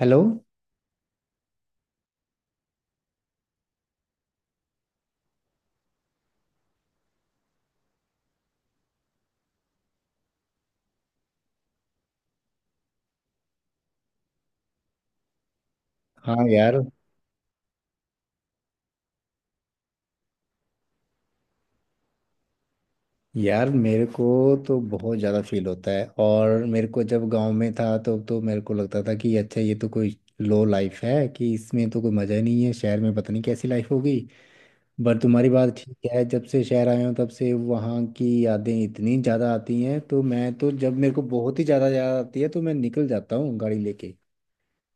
Hello. हाँ यार। यार मेरे को तो बहुत ज़्यादा फील होता है। और मेरे को जब गांव में था तो मेरे को लगता था कि अच्छा ये तो कोई लो लाइफ है, कि इसमें तो कोई मज़ा ही नहीं है, शहर में पता नहीं कैसी लाइफ होगी। पर तुम्हारी बात ठीक है, जब से शहर आया हूँ तब से वहाँ की यादें इतनी ज़्यादा आती हैं। तो मैं तो जब मेरे को बहुत ही ज़्यादा याद आती है तो मैं निकल जाता हूँ गाड़ी लेके,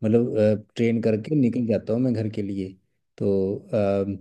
मतलब ट्रेन करके निकल जाता हूँ मैं घर के लिए। तो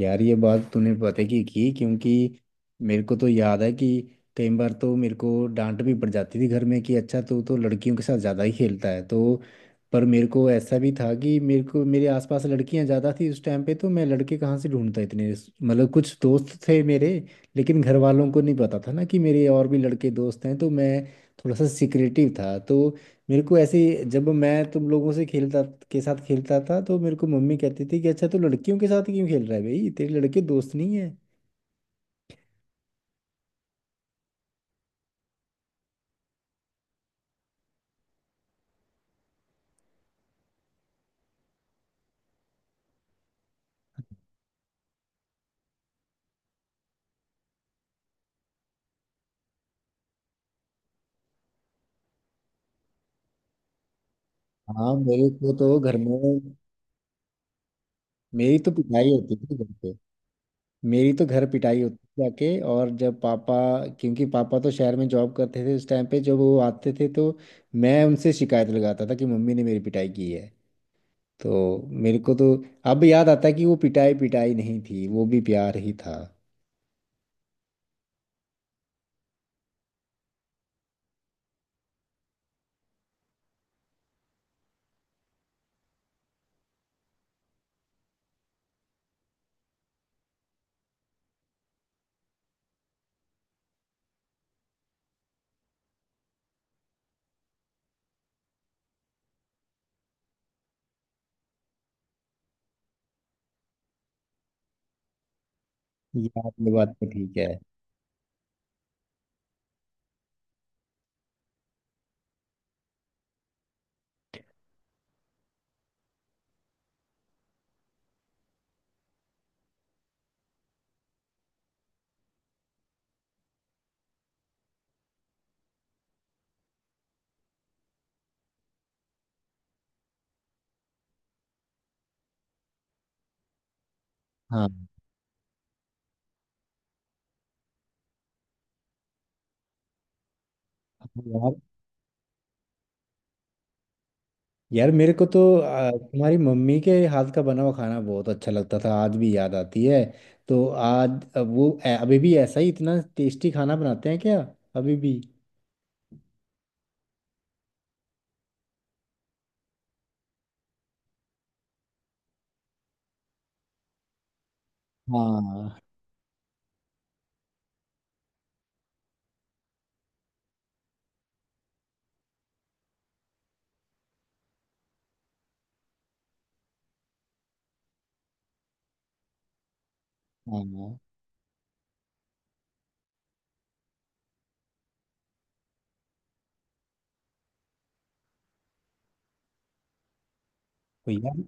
यार ये बात तूने पता की क्योंकि मेरे को तो याद है कि कई बार तो मेरे को डांट भी पड़ जाती थी घर में कि अच्छा तू तो लड़कियों के साथ ज़्यादा ही खेलता है। तो पर मेरे को ऐसा भी था कि मेरे को मेरे आसपास लड़कियां ज़्यादा थी उस टाइम पे, तो मैं लड़के कहाँ से ढूंढता इतने। मतलब कुछ दोस्त थे मेरे, लेकिन घर वालों को नहीं पता था ना कि मेरे और भी लड़के दोस्त हैं। तो मैं थोड़ा सा सिक्रेटिव था। तो मेरे को जब मैं तुम लोगों से खेलता के साथ खेलता था तो मेरे को मम्मी कहती थी कि अच्छा तू लड़कियों के साथ क्यों खेल रहा है भाई, तेरे लड़के दोस्त नहीं है। हाँ मेरे को तो घर में, मेरी तो पिटाई होती थी घर पे। मेरी तो घर पिटाई होती थी जाके। और जब पापा, क्योंकि पापा तो शहर में जॉब करते थे उस टाइम पे, जब वो आते थे तो मैं उनसे शिकायत लगाता था कि मम्मी ने मेरी पिटाई की है। तो मेरे को तो अब याद आता है कि वो पिटाई पिटाई नहीं थी, वो भी प्यार ही था। यार ये बात तो ठीक है। हाँ यार। यार मेरे को तो तुम्हारी मम्मी के हाथ का बना हुआ खाना बहुत अच्छा लगता था, आज भी याद आती है। तो आज अब वो अभी भी ऐसा ही इतना टेस्टी खाना बनाते हैं क्या अभी भी? हाँ हाँ। तो यार,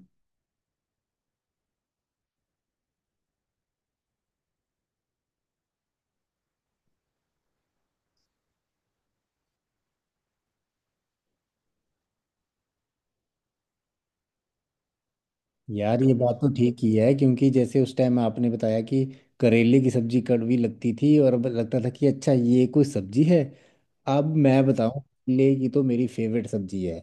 यार ये बात तो ठीक ही है क्योंकि जैसे उस टाइम आपने बताया कि करेले की सब्जी कड़वी लगती थी और अब लगता था कि अच्छा ये कोई सब्जी है। अब मैं बताऊं करेले की तो मेरी फेवरेट सब्जी है।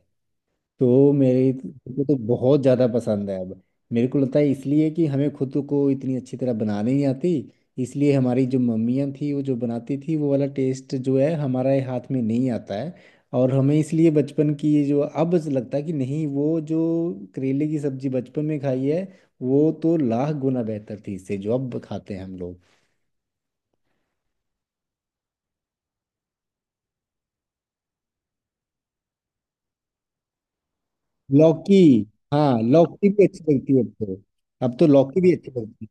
तो मेरे को तो बहुत ज़्यादा पसंद है अब। मेरे को लगता है इसलिए कि हमें खुद को इतनी अच्छी तरह बनाने नहीं आती, इसलिए हमारी जो मम्मियाँ थी वो जो बनाती थी वो वाला टेस्ट जो है हमारे हाथ में नहीं आता है। और हमें इसलिए बचपन की ये जो अब लगता है कि नहीं, वो जो करेले की सब्जी बचपन में खाई है वो तो लाख गुना बेहतर थी इससे जो अब खाते हैं हम लोग। लौकी, हाँ लौकी भी अच्छी लगती है अब तो। अब तो लौकी भी अच्छी लगती है।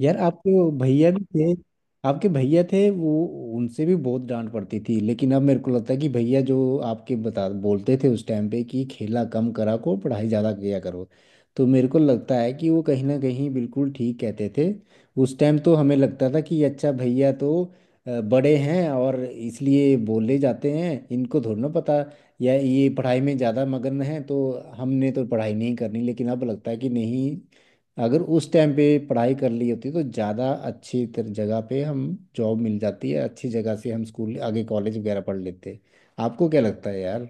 यार आपके भैया भी थे, आपके भैया थे वो, उनसे भी बहुत डांट पड़ती थी, लेकिन अब मेरे को लगता है कि भैया जो आपके बता बोलते थे उस टाइम पे कि खेला कम करा करो पढ़ाई ज़्यादा किया करो, तो मेरे को लगता है कि वो कहीं ना कहीं बिल्कुल ठीक कहते थे। उस टाइम तो हमें लगता था कि अच्छा भैया तो बड़े हैं और इसलिए बोले जाते हैं, इनको थोड़ा ना पता, या ये पढ़ाई में ज़्यादा मगन है तो, हमने तो पढ़ाई नहीं करनी। लेकिन अब लगता है कि नहीं, अगर उस टाइम पे पढ़ाई कर ली होती तो ज़्यादा जगह पे हम जॉब मिल जाती है अच्छी जगह से, हम स्कूल आगे कॉलेज वगैरह पढ़ लेते। आपको क्या लगता है यार?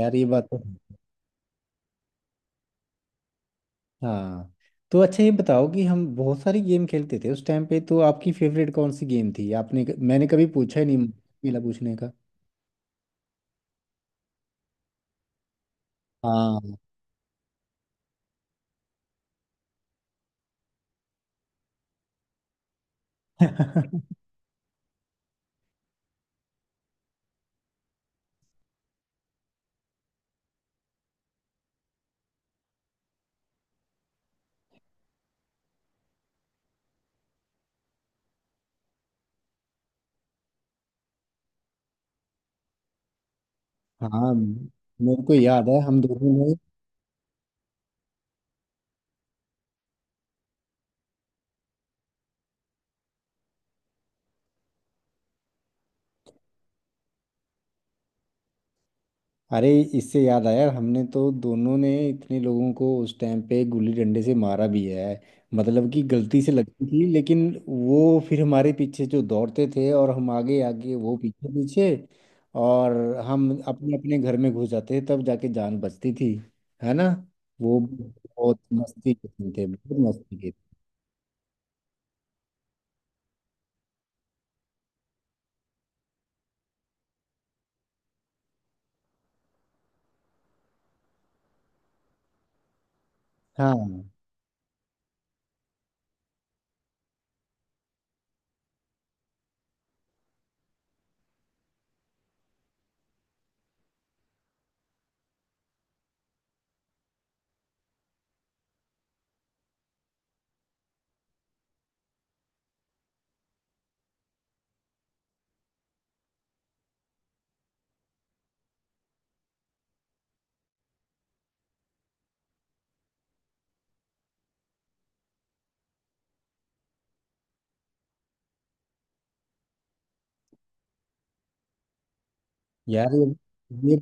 यार ये बात तो है। हाँ। तो अच्छा ये बताओ कि हम बहुत सारी गेम खेलते थे उस टाइम पे, तो आपकी फेवरेट कौन सी गेम थी? आपने मैंने कभी पूछा ही नहीं, मिला पूछने का। हाँ हाँ मेरे को याद है हम दोनों ने। अरे इससे याद आया, हमने तो दोनों ने इतने लोगों को उस टाइम पे गुल्ली डंडे से मारा भी है। मतलब कि गलती से लगती थी, लेकिन वो फिर हमारे पीछे जो दौड़ते थे और हम आगे आगे वो पीछे पीछे, और हम अपने अपने घर में घुस जाते थे, तब जाके जान बचती थी, है ना? वो बहुत मस्ती के दिन थे, बहुत मस्ती के थे। हाँ। यार ये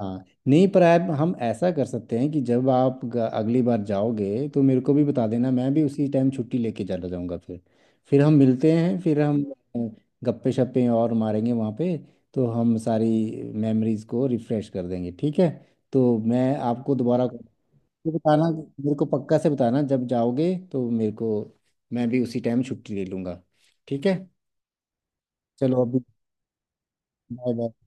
हाँ नहीं, पर आप हम ऐसा कर सकते हैं कि जब आप अगली बार जाओगे तो मेरे को भी बता देना, मैं भी उसी टाइम छुट्टी लेके चला जाऊंगा। फिर हम मिलते हैं, फिर हम अ, गप्पे शप्पे और मारेंगे वहाँ पे, तो हम सारी मेमोरीज को रिफ्रेश कर देंगे, ठीक है? तो मैं तो बताना मेरे को पक्का से बताना, जब जाओगे तो मेरे को, मैं भी उसी टाइम छुट्टी ले लूँगा। ठीक है, चलो अभी। Bye bye.